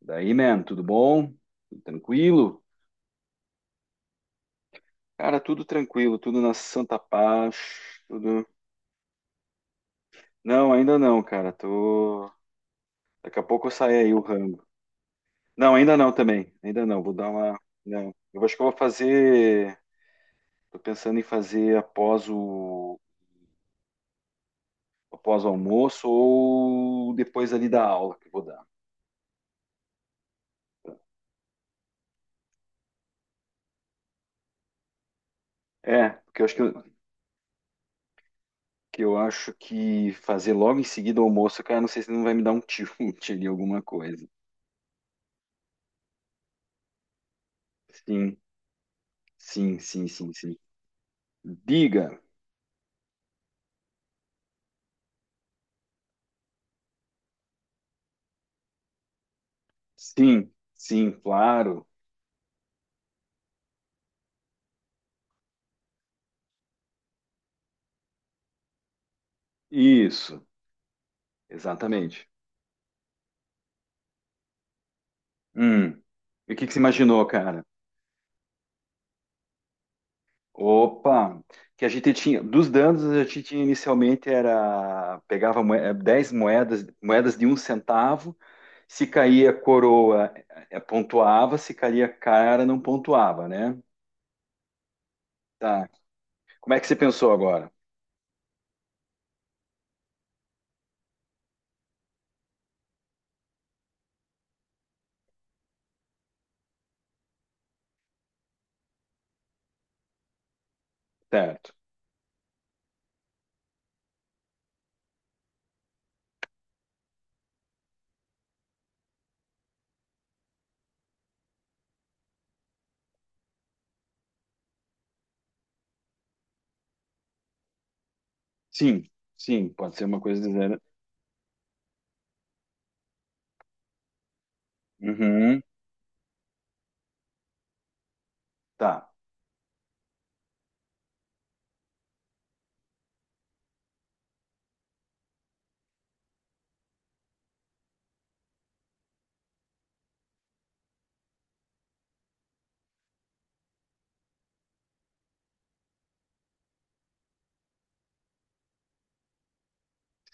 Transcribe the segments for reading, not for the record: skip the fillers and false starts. Daí, man, tudo bom? Tudo tranquilo? Cara, tudo tranquilo, tudo na santa paz, tudo... Não, ainda não, cara, tô... Daqui a pouco eu sai aí o rango. Não, ainda não também, ainda não, vou dar uma... Não, eu acho que eu vou fazer... Tô pensando em fazer após o... após o almoço ou depois ali da aula que eu vou dar. É, porque eu acho que eu acho que fazer logo em seguida o almoço, cara, não sei se não vai me dar um tilt ali, alguma coisa. Sim, sim, sim, sim, sim. Diga. Sim, sim, claro. Isso, exatamente. Hum. E o que que você imaginou, cara? Opa, que a gente tinha, dos danos a gente tinha inicialmente era, pegava moedas de um centavo, se caía coroa, pontuava, se caía cara, não pontuava, né? Tá. Como é que você pensou agora? Certo. Sim, sim, pode ser uma coisa de zero. Uhum, tá.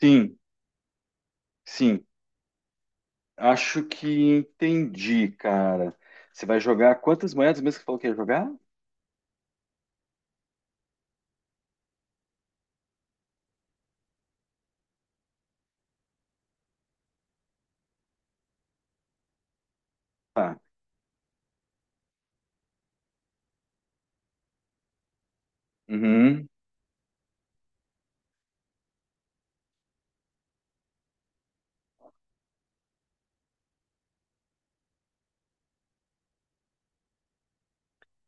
Sim, sim, Acho que entendi, cara. Você vai jogar quantas moedas mesmo que você falou que ia jogar? Tá. Uhum.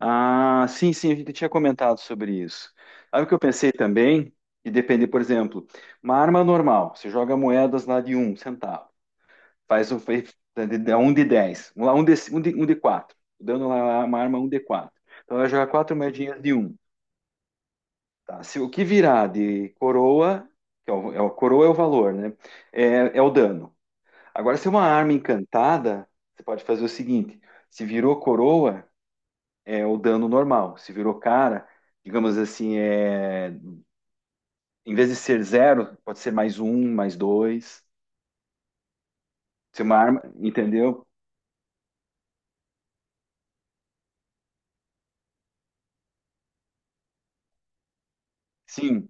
Ah, sim, sim, a gente tinha comentado sobre isso. Sabe o que eu pensei também? E depender, por exemplo, uma arma normal, você joga moedas lá de um centavo, faz um, fe- de- um de 10, um, lá, um, de, um, de, um de 4, dando lá uma arma um de 4. Então ela joga quatro moedinhas de um. Tá? Se o que virar de coroa, que é coroa é o valor, né? É, é o dano. Agora, se é uma arma encantada, você pode fazer o seguinte: se virou coroa, é o dano normal. Se virou cara, digamos assim, é... em vez de ser zero, pode ser mais um, mais dois. Se é uma arma, entendeu? Sim,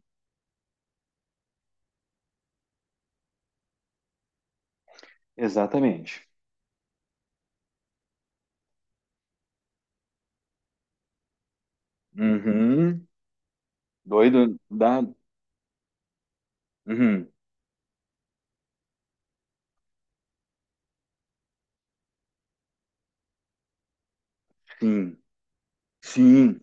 exatamente. Uhum. Doido, dá. Uhum. Sim, sim,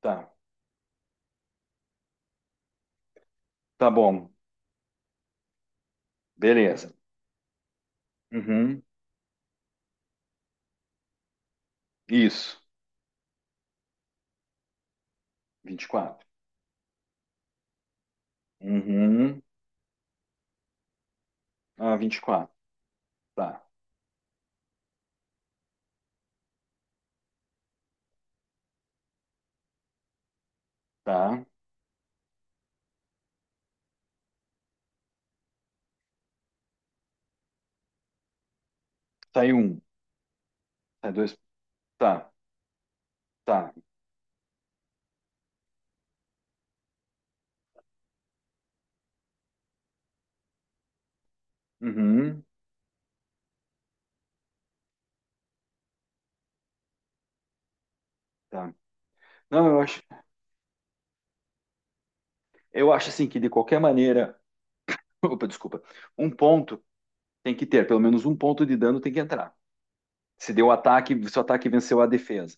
tá, tá bom, beleza. Uhum. Isso, 24. Uhum. Ah, vinte e quatro. tá, tá. Sai um, sai dois, tá. Tá. Uhum, tá. Não, eu acho assim que de qualquer maneira, opa, desculpa, um ponto tem que ter, pelo menos um ponto de dano tem que entrar. Se deu ataque, se o ataque venceu a defesa.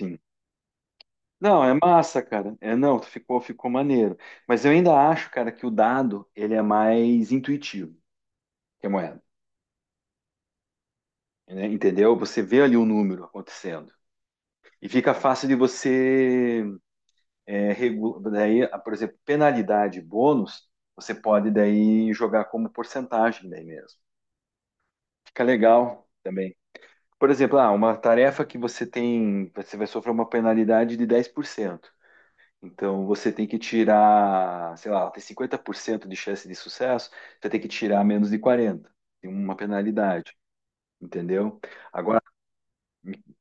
Sim. Não, é massa, cara. É, não, ficou maneiro. Mas eu ainda acho, cara, que o dado ele é mais intuitivo que a moeda, né? Entendeu? Você vê ali o número acontecendo e fica fácil de você ah, por exemplo, penalidade e bônus, você pode daí jogar como porcentagem daí mesmo. Fica legal também. Por exemplo, ah, uma tarefa que você tem, você vai sofrer uma penalidade de 10%. Então você tem que tirar, sei lá, ela tem 50% de chance de sucesso, você tem que tirar menos de 40, tem uma penalidade, entendeu? Agora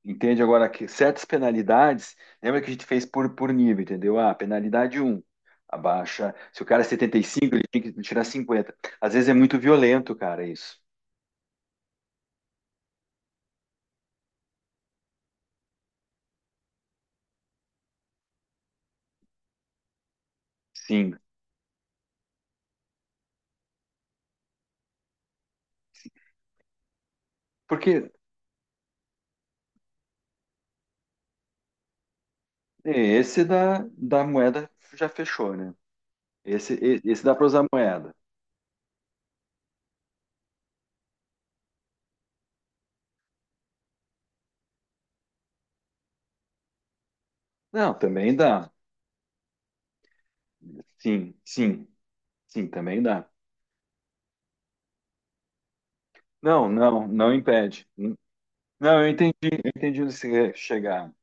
Entende agora que certas penalidades, lembra que a gente fez por nível, entendeu? Ah, penalidade um abaixa. Se o cara é setenta e cinco ele tinha que tirar cinquenta. Às vezes é muito violento, cara, isso. Sim. Porque esse da moeda já fechou, né? Esse dá para usar moeda. Não, também dá. Sim, sim, sim, também dá. Não impede. Não, eu entendi onde você quer chegar.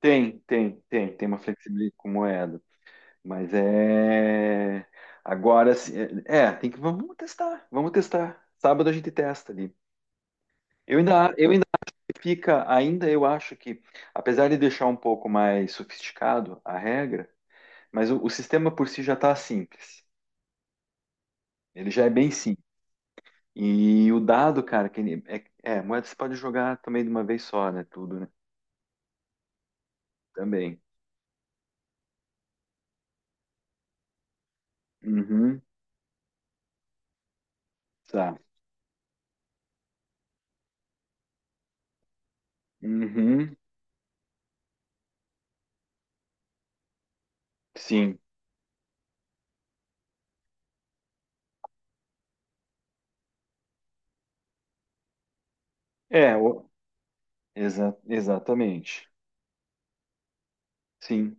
Tem uma flexibilidade com moeda. Mas é. Agora sim. Tem que. Vamos testar. Vamos testar. Sábado a gente testa ali. Eu ainda fica, ainda eu acho que, apesar de deixar um pouco mais sofisticado a regra, mas o sistema por si já está simples. Ele já é bem simples. E o dado, cara, que ele- é, é, moeda você pode jogar também de uma vez só, né? Tudo, né? Também. Uhum, tá. Uhum, sim. É, o- exatamente. Sim,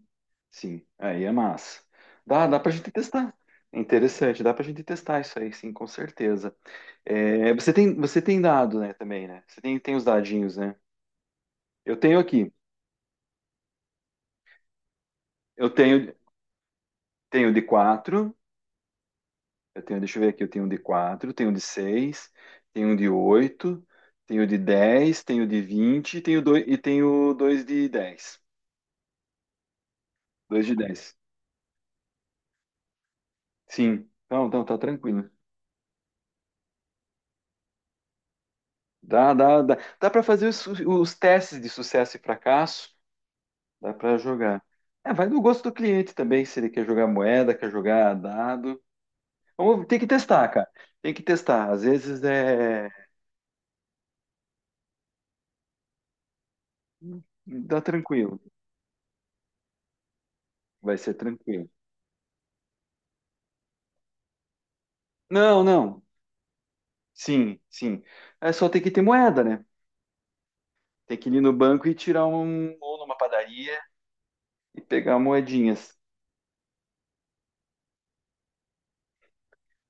sim. Aí é massa. Dá pra gente testar. É interessante, dá pra gente testar isso aí, sim, com certeza. Você tem dado, né, também, né? Tem os dadinhos, né? Eu tenho aqui. Eu tenho, tenho de quatro, eu tenho, deixa eu ver aqui, eu tenho um de quatro, tenho um de seis, tenho um de oito, tenho de dez, tenho de vinte, tenho dois, e tenho dois de dez. Dois de dez. Sim. Então, então tá tranquilo. Dá para fazer os testes de sucesso e fracasso. Dá para jogar. É, vai do gosto do cliente também, se ele quer jogar moeda, quer jogar dado. Vamos, tem que testar, cara. Tem que testar. Às vezes é. Dá tranquilo. Vai ser tranquilo. Não, não. Sim, sim. É só ter que ter moeda, né? Tem que ir no banco e tirar um. Ou numa padaria e pegar moedinhas.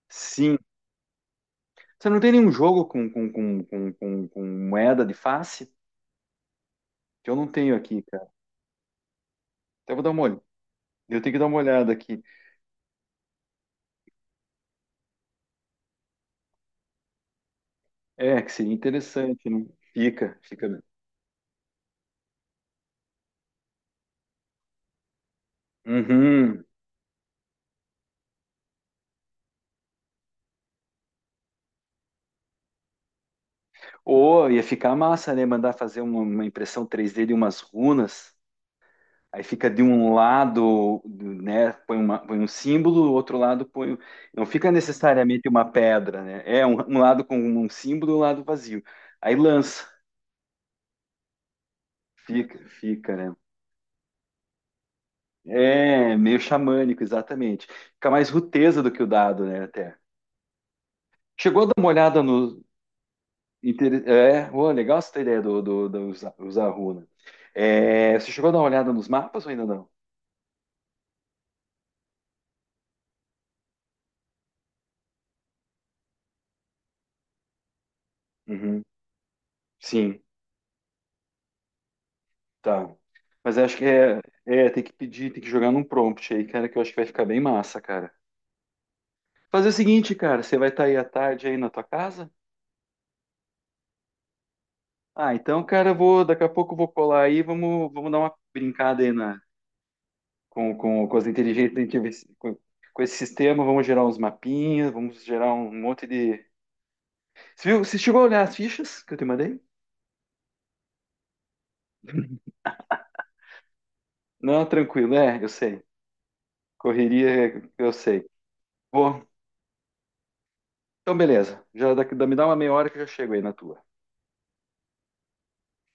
Sim. Você não tem nenhum jogo com moeda de face? Que eu não tenho aqui, cara. Até vou dar uma olhada. Eu tenho que dar uma olhada aqui. É, que seria interessante, né? Fica, fica. Mesmo. Uhum. Ou ia ficar massa, né? Mandar fazer uma impressão 3D de umas runas. Aí fica de um lado, né? Põe um símbolo, outro lado põe. Não fica necessariamente uma pedra, né? É um, um lado com um símbolo, um lado vazio. Aí lança. Fica, né? É, meio xamânico, exatamente. Fica mais ruteza do que o dado, né? Até. Chegou a dar uma olhada no, Inter- É, ué, legal essa ideia do usar, usar runa. É, você chegou a dar uma olhada nos mapas ou ainda não? Uhum. Sim, tá. Mas acho que tem que pedir, tem que jogar num prompt aí, cara, que eu acho que vai ficar bem massa, cara. Fazer o seguinte, cara, você vai estar aí à tarde aí na tua casa? Ah, então, cara, eu vou, daqui a pouco eu vou colar aí, vamos, vamos dar uma brincada aí na, com as inteligências, com esse sistema, vamos gerar uns mapinhas, vamos gerar um monte de... Você viu, você chegou a olhar as fichas que eu te mandei? Não, tranquilo, é, eu sei. Correria, eu sei. Bom, então beleza. Já daqui, me dá uma meia hora que eu já chego aí na tua.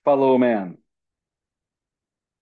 Falou, man.